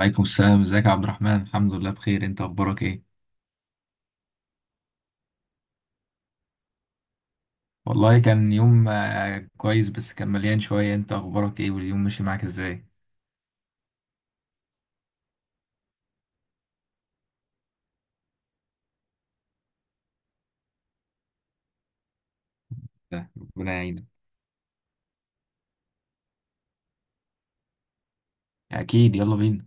عليكم السلام. ازيك يا عبد الرحمن؟ الحمد لله بخير. انت اخبارك ايه؟ والله كان يوم كويس بس كان مليان شوية. انت اخبارك ايه واليوم ماشي معاك ازاي؟ ده، ربنا يعينك. اكيد، يلا بينا.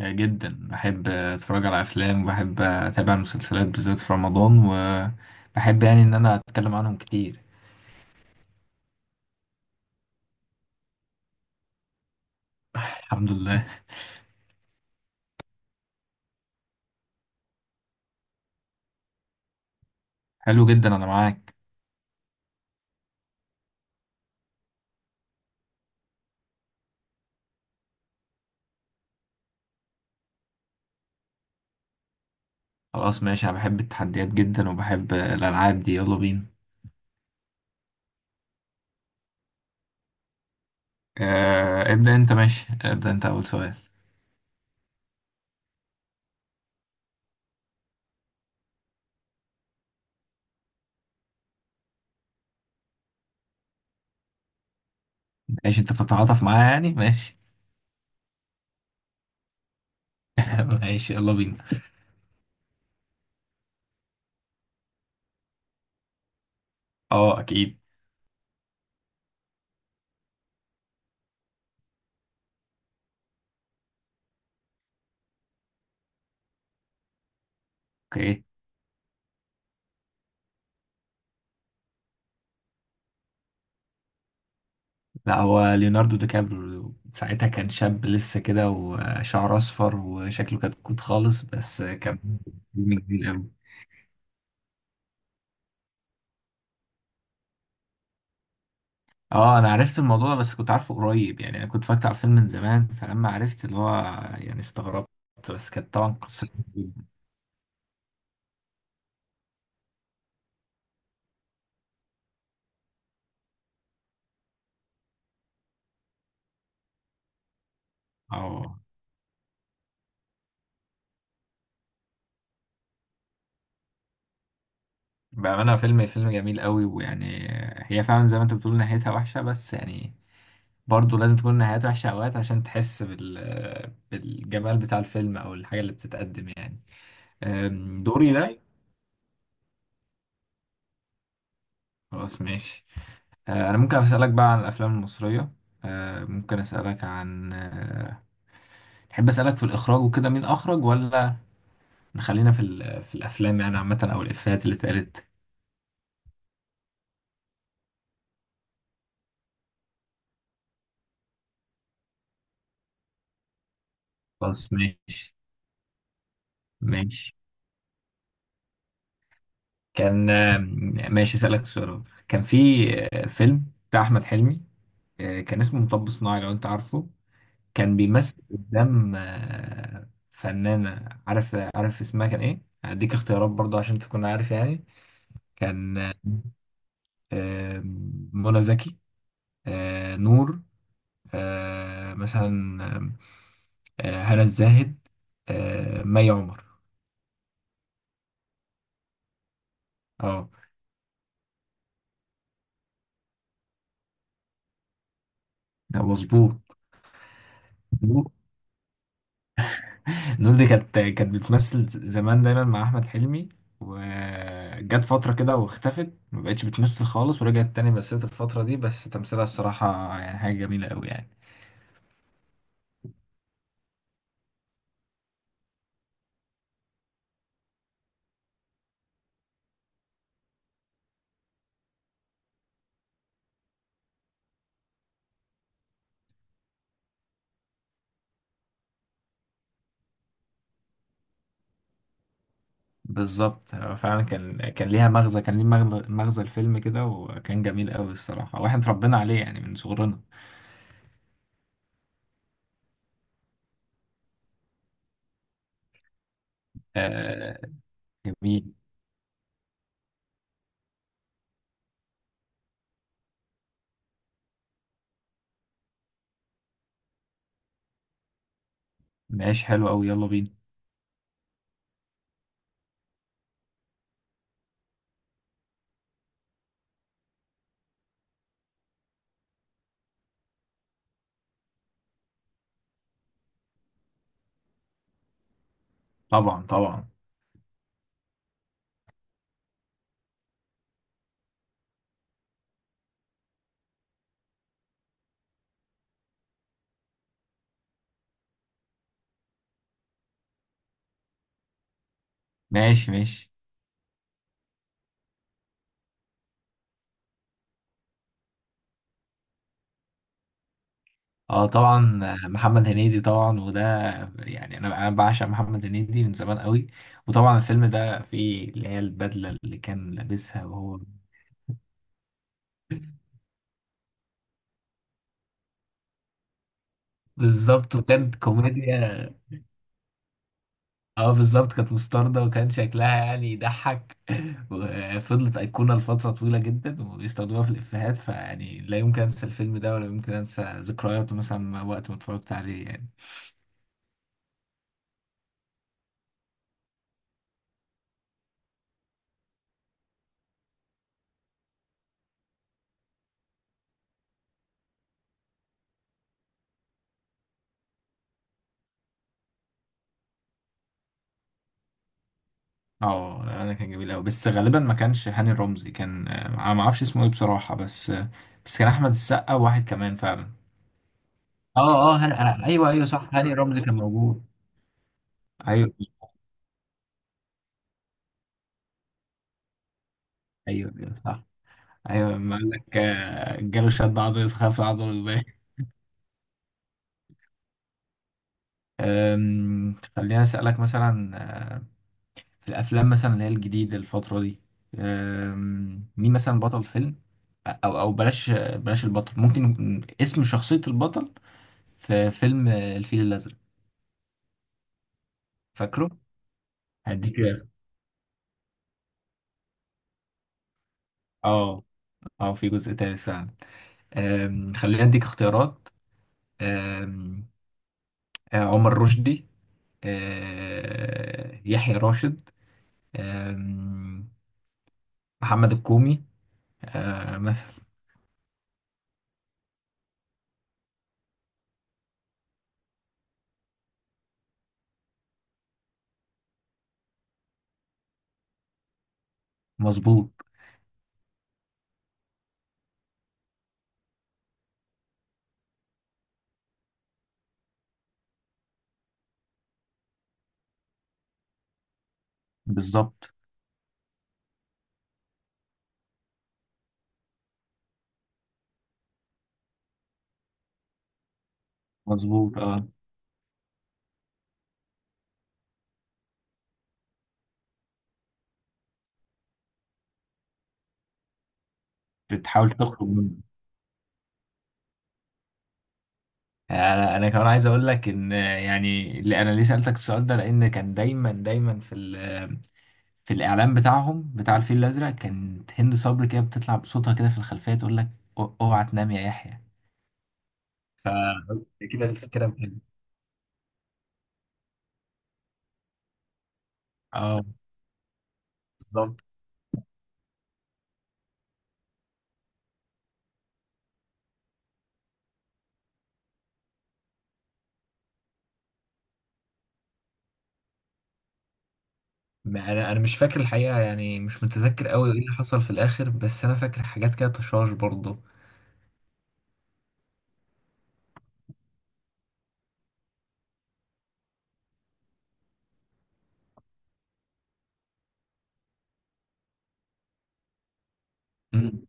جدا بحب اتفرج على افلام، وبحب اتابع المسلسلات بالذات في رمضان، وبحب يعني ان انا اتكلم عنهم كتير. الحمد لله. حلو جدا، انا معاك. خلاص ماشي، انا بحب التحديات جدا وبحب الالعاب دي. يلا بينا. ابدأ انت. ماشي، ابدأ انت اول سؤال. ماشي، انت بتتعاطف معايا يعني. ماشي. ماشي، يلا بينا. اه اكيد. اوكي. لا، هو ليوناردو دي كابريو. ساعتها كان شاب لسه كده وشعره اصفر وشكله كتكوت خالص، بس كان فيلم جميل قوي. اه انا عرفت الموضوع ده، بس كنت عارفه قريب يعني. انا كنت فاكر على الفيلم من زمان فلما عرفت اللي هو يعني استغربت. بس كانت طبعا قصة. اه. بأمانة فيلم جميل قوي، ويعني هي فعلا زي ما انت بتقول نهايتها وحشة، بس يعني برضه لازم تكون النهايات وحشة أوقات عشان تحس بالجمال بتاع الفيلم أو الحاجة اللي بتتقدم يعني. دوري ده. خلاص ماشي. أنا ممكن أسألك بقى عن الأفلام المصرية. أه، ممكن أسألك عن أه، تحب أسألك في الإخراج وكده مين أخرج، ولا نخلينا في الأفلام يعني عامة، أو الإفيهات اللي اتقالت. خلاص ماشي ماشي. كان ماشي، أسألك سؤال. كان في فيلم بتاع أحمد حلمي، كان اسمه مطب صناعي لو أنت عارفه. كان بيمثل قدام فنانة. عارف اسمها كان ايه؟ هديك اختيارات برضه عشان تكون عارف يعني. كان آه، منى زكي، نور، مثلا هنا الزاهد، مي عمر. اه مظبوط. نور. نور دي كانت بتمثل زمان دايما مع احمد حلمي. وجت فترة كده واختفت، ما بقتش بتمثل خالص، ورجعت تاني مثلت الفترة دي. بس تمثيلها الصراحة يعني حاجة جميلة قوي يعني. بالظبط. هو فعلا كان ليها مغزى. كان ليه مغزى الفيلم كده، وكان جميل قوي الصراحة، واحنا اتربينا عليه يعني من صغرنا. آه. جميل. ماشي، حلو قوي، يلا بينا. طبعا، طبعا. ماشي، ماشي. اه طبعا. محمد هنيدي طبعا. وده يعني انا بعشق محمد هنيدي من زمان قوي. وطبعا الفيلم ده فيه اللي هي البدلة اللي كان لابسها وهو بالظبط، وكانت كوميديا. اه بالظبط، كانت مستردة وكان شكلها يعني يضحك. وفضلت أيقونة لفترة طويلة جدا، وبيستخدموها في الإفيهات. فيعني لا يمكن أنسى الفيلم ده ولا يمكن أنسى ذكرياته مثلا وقت ما اتفرجت عليه يعني. اه، أنا كان جميل أوي، بس غالبا ما كانش هاني رمزي. كان أنا ما أعرفش اسمه إيه بصراحة، بس بس كان أحمد السقا وواحد كمان فعلا. اه اه هن... آه، ايوه، ايوه، صح. هاني رمزي كان موجود. ايوه. ايوه، ايوه، صح. ايوه، لما قال لك جاله شد عضلي فخاف عضله يبان. خليني اسالك مثلا آه، في الافلام مثلا اللي هي الجديده الفتره دي. مين مثلا بطل فيلم، او بلاش البطل، ممكن اسم شخصيه البطل في فيلم الفيل الازرق؟ فاكره؟ هديك اه اه، في جزء تالت فعلا. خلينا اديك اختيارات. أم، عمر رشدي، يحيى راشد، أم، محمد الكومي، مثلا. مظبوط. بالظبط. مظبوط اه. بتحاول تخرج منه. يعني انا كمان عايز اقول لك ان يعني اللي انا ليه سالتك السؤال ده، لان كان دايما دايما في الاعلان بتاعهم بتاع الفيل الازرق. كانت هند صبري كده بتطلع بصوتها كده في الخلفيه تقول لك: اوعى تنام يا يحيى". كده الفكره مهمة. اه بالظبط. ما انا مش فاكر الحقيقه يعني، مش متذكر قوي ايه اللي حصل في الاخر، بس انا فاكر حاجات كده تشاش برضه. مم.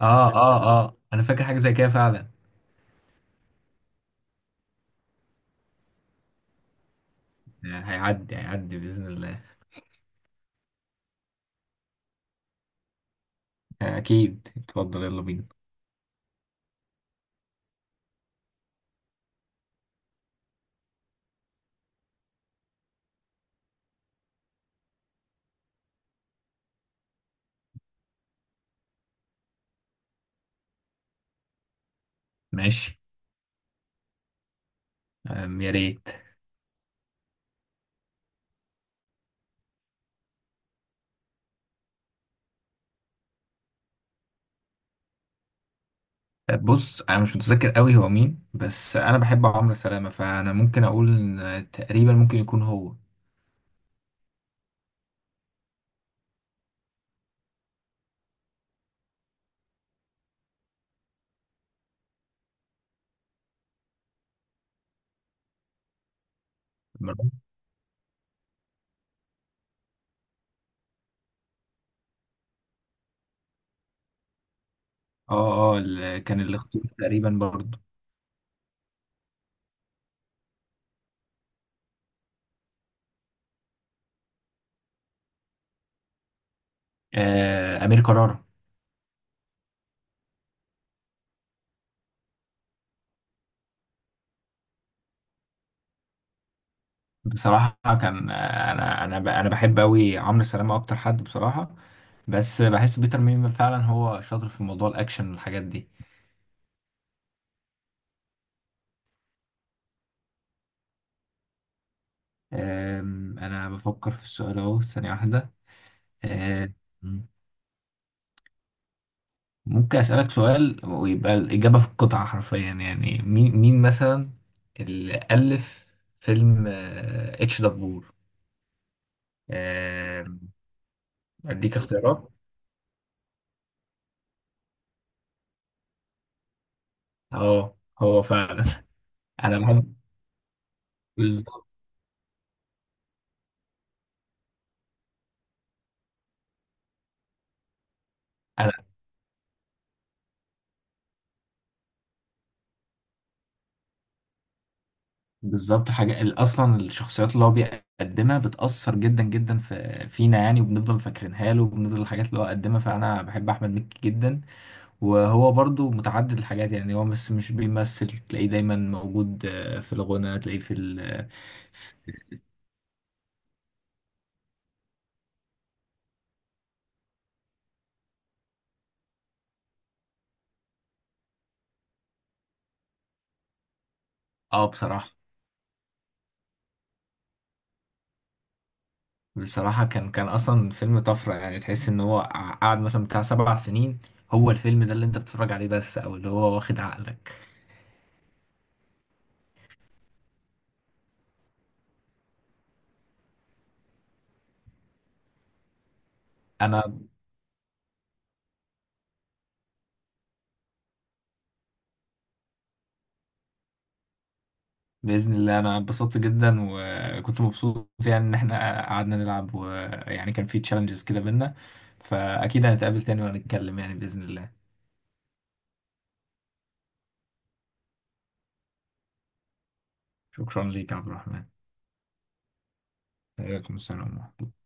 اه اه اه، انا فاكر حاجه زي كده فعلا. هيعدي هيعدي باذن الله. اكيد اتفضل، يلا بينا. ماشي. يا ريت. بص، انا مش متذكر قوي هو مين، بس انا بحب عمرو سلامه، فانا ممكن اقول إن تقريبا ممكن يكون هو. اه اه، كان الاختيار تقريبا برضو امير كرارة بصراحه. كان آه، انا بحب قوي عمرو سلامه اكتر حد بصراحه. بس بحس بيتر ميمي فعلا هو شاطر في موضوع الاكشن والحاجات دي. انا بفكر في السؤال اهو، ثانيه واحده. آه ممكن أسألك سؤال ويبقى الإجابة في القطعة حرفيا. يعني مين مثلا اللي ألف فيلم اتش دبور؟ آه، أديك اختيارات. اه هو فعلا. أنا بحب بالظبط. أنا بالظبط، أصلا الشخصيات اللي هو بيقدمها بتأثر جدا جدا في فينا يعني، وبنفضل فاكرينها له، وبنفضل الحاجات اللي هو قدمها. فأنا بحب أحمد مكي جدا. وهو برضو متعدد الحاجات يعني. هو بس مش بيمثل، تلاقيه دايما موجود في الغنى، تلاقيه في ال اه بصراحة. بصراحة كان أصلا فيلم طفرة يعني. تحس إن هو قعد مثلا بتاع 7 سنين هو الفيلم ده اللي أنت بتتفرج عليه بس، أو اللي هو واخد عقلك. أنا بإذن الله، أنا اتبسطت جدا وكنت مبسوط يعني إن إحنا قعدنا نلعب، ويعني كان في تشالنجز كده بينا. فأكيد هنتقابل تاني ونتكلم يعني بإذن الله. شكرا ليك يا عبد الرحمن. عليكم السلام ورحمة الله.